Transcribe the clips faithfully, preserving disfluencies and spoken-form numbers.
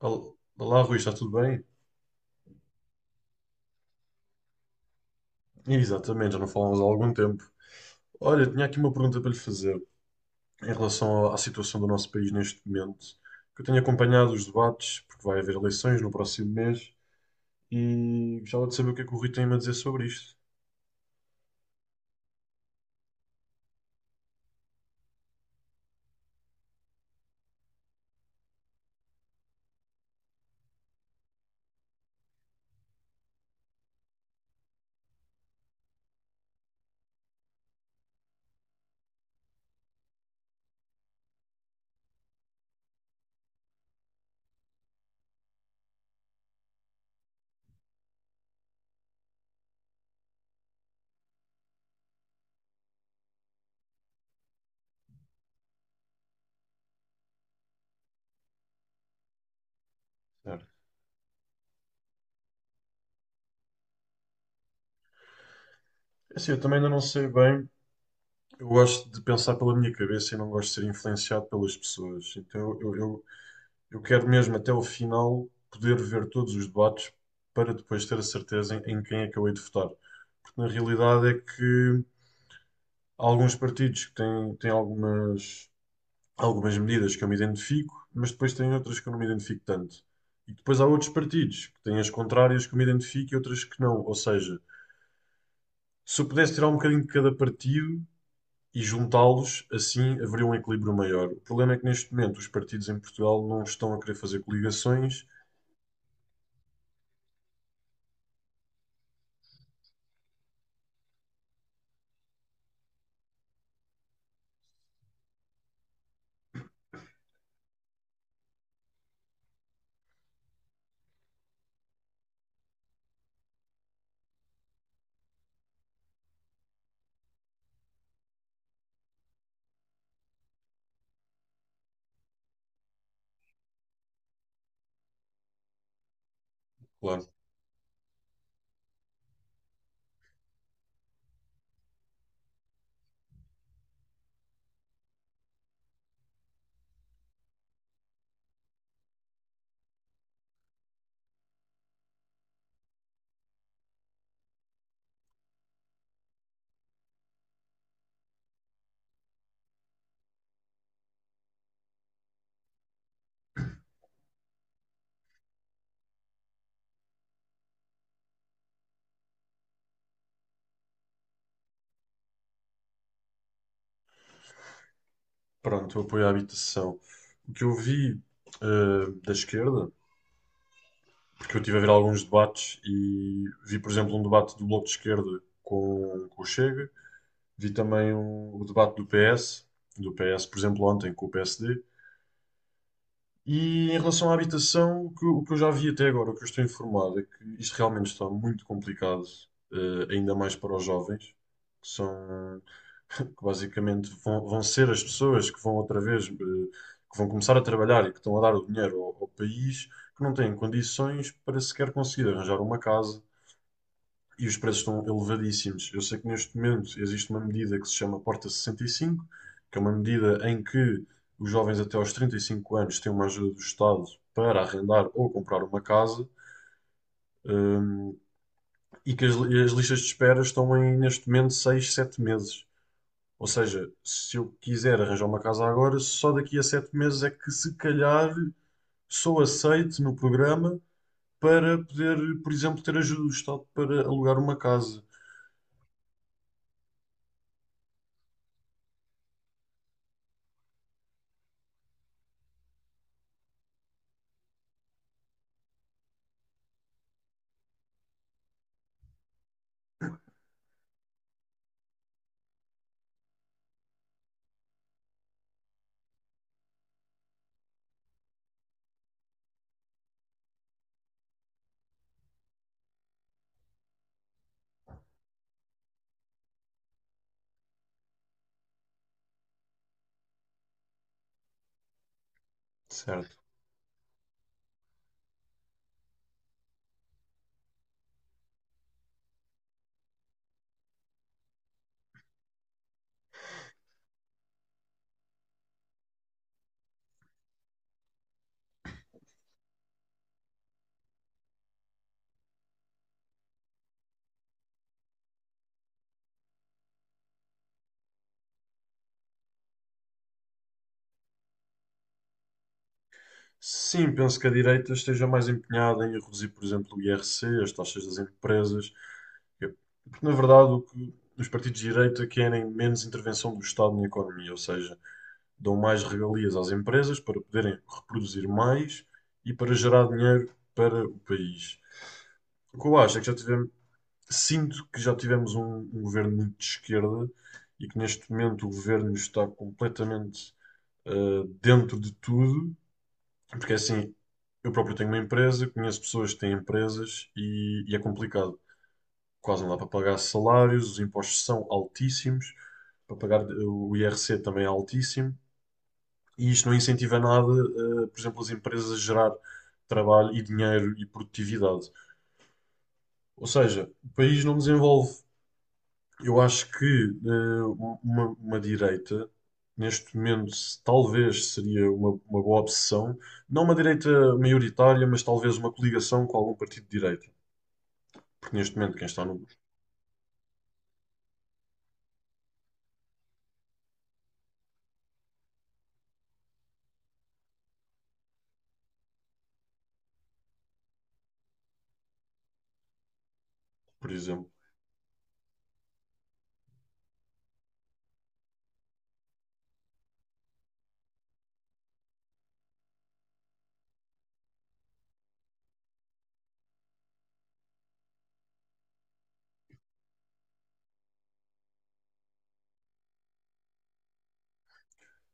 Ol- Olá, Rui, está tudo bem? Exatamente, já não falamos há algum tempo. Olha, tinha aqui uma pergunta para lhe fazer em relação à à situação do nosso país neste momento. Que Eu tenho acompanhado os debates, porque vai haver eleições no próximo mês, e gostava de saber o que é que o Rui tem a dizer sobre isto. Certo. Assim, eu também ainda não sei bem. Eu gosto de pensar pela minha cabeça e não gosto de ser influenciado pelas pessoas. Então eu, eu, Eu quero mesmo até ao final poder ver todos os debates para depois ter a certeza em, em quem acabei de votar. Porque na realidade é que há alguns partidos que têm, têm algumas, algumas medidas que eu me identifico, mas depois têm outras que eu não me identifico tanto. E depois há outros partidos que têm as contrárias que eu me identifico e outras que não. Ou seja, se eu pudesse tirar um bocadinho de cada partido e juntá-los, assim haveria um equilíbrio maior. O problema é que neste momento os partidos em Portugal não estão a querer fazer coligações. Claro. Pronto, o apoio à habitação. O que eu vi eh, da esquerda, porque eu estive a ver alguns debates e vi, por exemplo, um debate do Bloco de Esquerda com, com o Chega, vi também um- o debate do P S, do P S, por exemplo, ontem com o P S D. E em relação à habitação, o que, o que eu já vi até agora, o que eu estou informado, é que isto realmente está muito complicado, eh, ainda mais para os jovens, que são, que basicamente vão, vão ser as pessoas que vão outra vez, eh, que vão começar a trabalhar e que estão a dar o dinheiro ao, ao país, que não têm condições para sequer conseguir arranjar uma casa, e os preços estão elevadíssimos. Eu sei que neste momento existe uma medida que se chama Porta sessenta e cinco, que é uma medida em que os jovens até aos trinta e cinco anos têm uma ajuda do Estado para arrendar ou comprar uma casa, hum, e que as, as listas de espera estão em, neste momento, seis, sete meses. Ou seja, se eu quiser arranjar uma casa agora, só daqui a sete meses é que se calhar sou aceite no programa para poder, por exemplo, ter ajuda do Estado para alugar uma casa. Certo. Sim, penso que a direita esteja mais empenhada em reduzir, por exemplo, o I R C, as taxas das empresas. Eu- Porque, na verdade, o que os partidos de direita querem menos intervenção do Estado na economia, ou seja, dão mais regalias às empresas para poderem reproduzir mais e para gerar dinheiro para o país. O que eu acho é que já tivemos, sinto que já tivemos um, um governo muito de esquerda e que neste momento o governo está completamente eh, dentro de tudo, porque assim, eu próprio tenho uma empresa, conheço pessoas que têm empresas e, e é complicado. Quase não dá para pagar salários, os impostos são altíssimos, para pagar eh, o I R C também é altíssimo, e isto não incentiva nada, eh, por exemplo, as empresas a gerar trabalho e dinheiro e produtividade. Ou seja, o país não desenvolve. Eu acho que eh, uma, uma direita, neste momento, se- talvez seria uma, uma boa opção, não uma direita maioritária, mas talvez uma coligação com algum partido de direita. Porque neste momento, quem está no governo, por exemplo.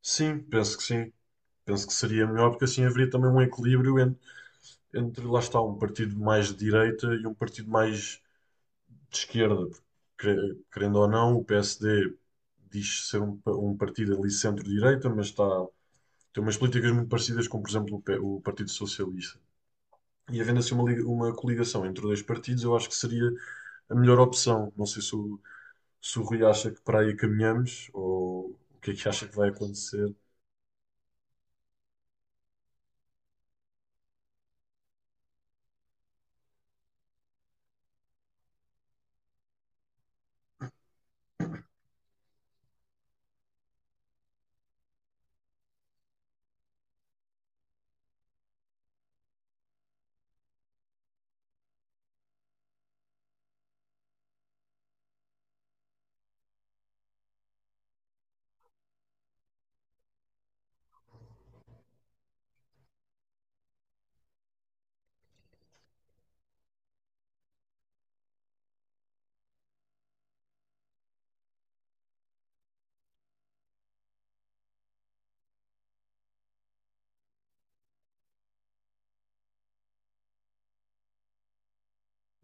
Sim, penso que sim. Penso que seria melhor, porque assim haveria também um equilíbrio entre, entre lá está, um partido mais de direita e um partido mais de esquerda. Porque, cre- querendo ou não, o P S D diz ser um, pa- um partido ali centro-direita, mas está. Tem umas políticas muito parecidas com, por exemplo, o P- o Partido Socialista. E havendo assim uma, liga- uma coligação entre dois partidos, eu acho que seria a melhor opção. Não sei se o, se o Rui acha que para aí caminhamos ou o que é que acha que vai acontecer.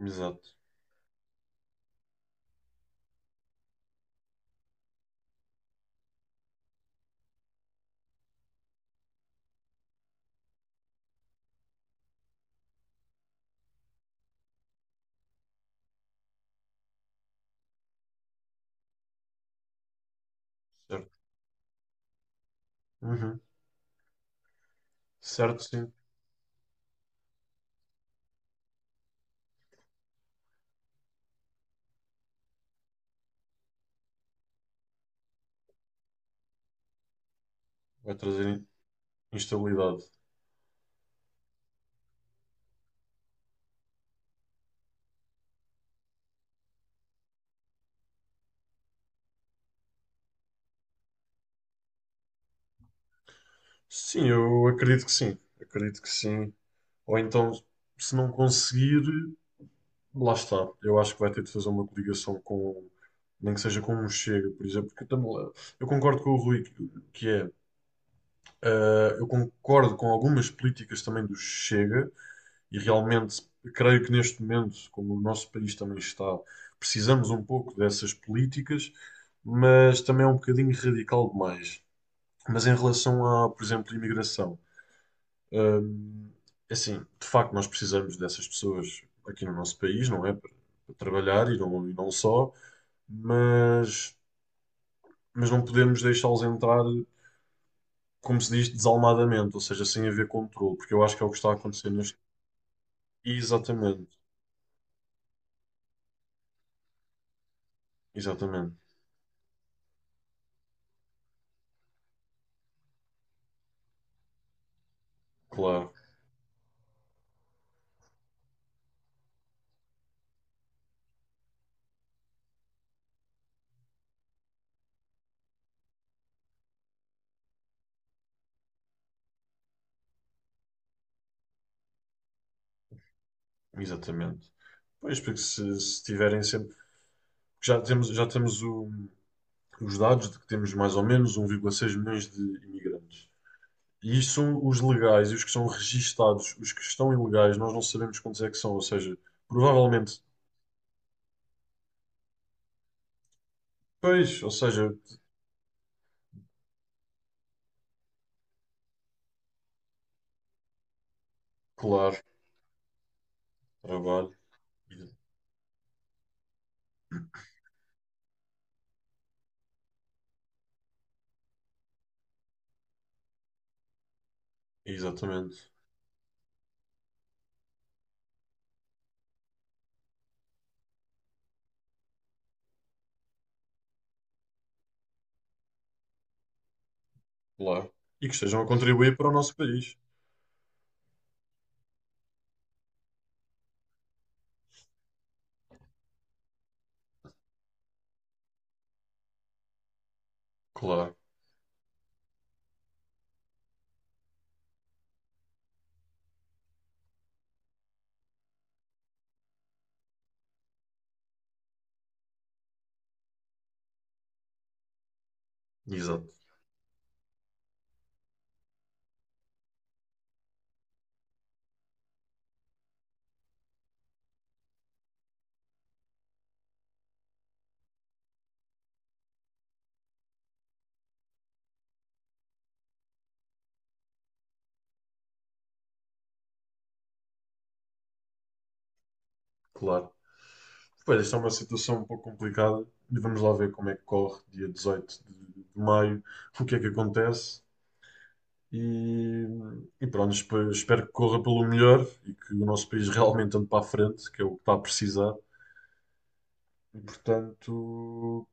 Exato, certo. Uhum. Certo, sim. Vai trazer in- Instabilidade. Sim, eu acredito que sim. Acredito que sim. Ou então, se não conseguir. Lá está. Eu acho que vai ter de fazer uma coligação com, nem que seja com um Chega, por exemplo, porque eu, também, eu concordo com o Rui que que é, eh, eu concordo com algumas políticas também do Chega e realmente creio que neste momento, como o nosso país também está, precisamos um pouco dessas políticas, mas também é um bocadinho radical demais. Mas em relação a, por exemplo, imigração. Hum, assim, de facto, nós precisamos dessas pessoas aqui no nosso país, não é? Para, para trabalhar e não, e não só, mas, mas não podemos deixá-los entrar, como se diz, desalmadamente, ou seja, sem haver controle, porque eu acho que é o que está a acontecer neste. Exatamente, exatamente, claro. Exatamente. Pois, porque se, se tiverem sempre. Já temos, já temos o- os dados de que temos mais ou menos um vírgula seis milhões de imigrantes. E isto são os legais e os que são registados. Os que estão ilegais, nós não sabemos quantos é que são. Ou seja, provavelmente. Pois, ou seja, claro, trabalho. ex- Exatamente, claro. E que estejam a contribuir para o nosso país. Claro, exato, claro. Pois, esta é uma situação um pouco complicada. E vamos lá ver como é que corre dia dezoito de de maio, o que é que acontece. E, e pronto, espe- espero que corra pelo melhor e que o nosso país realmente ande para a frente, que é o que está a precisar. E portanto,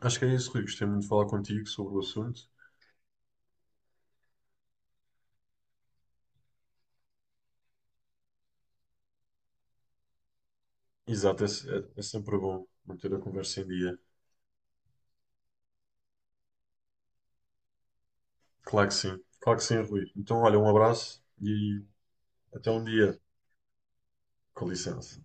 acho que é isso, Rui. Gostei muito de falar contigo sobre o assunto. Exato, é, é- é sempre bom manter a conversa em dia. Claro que sim, claro que sim, Rui. Então, olha, um abraço e até um dia. Com licença.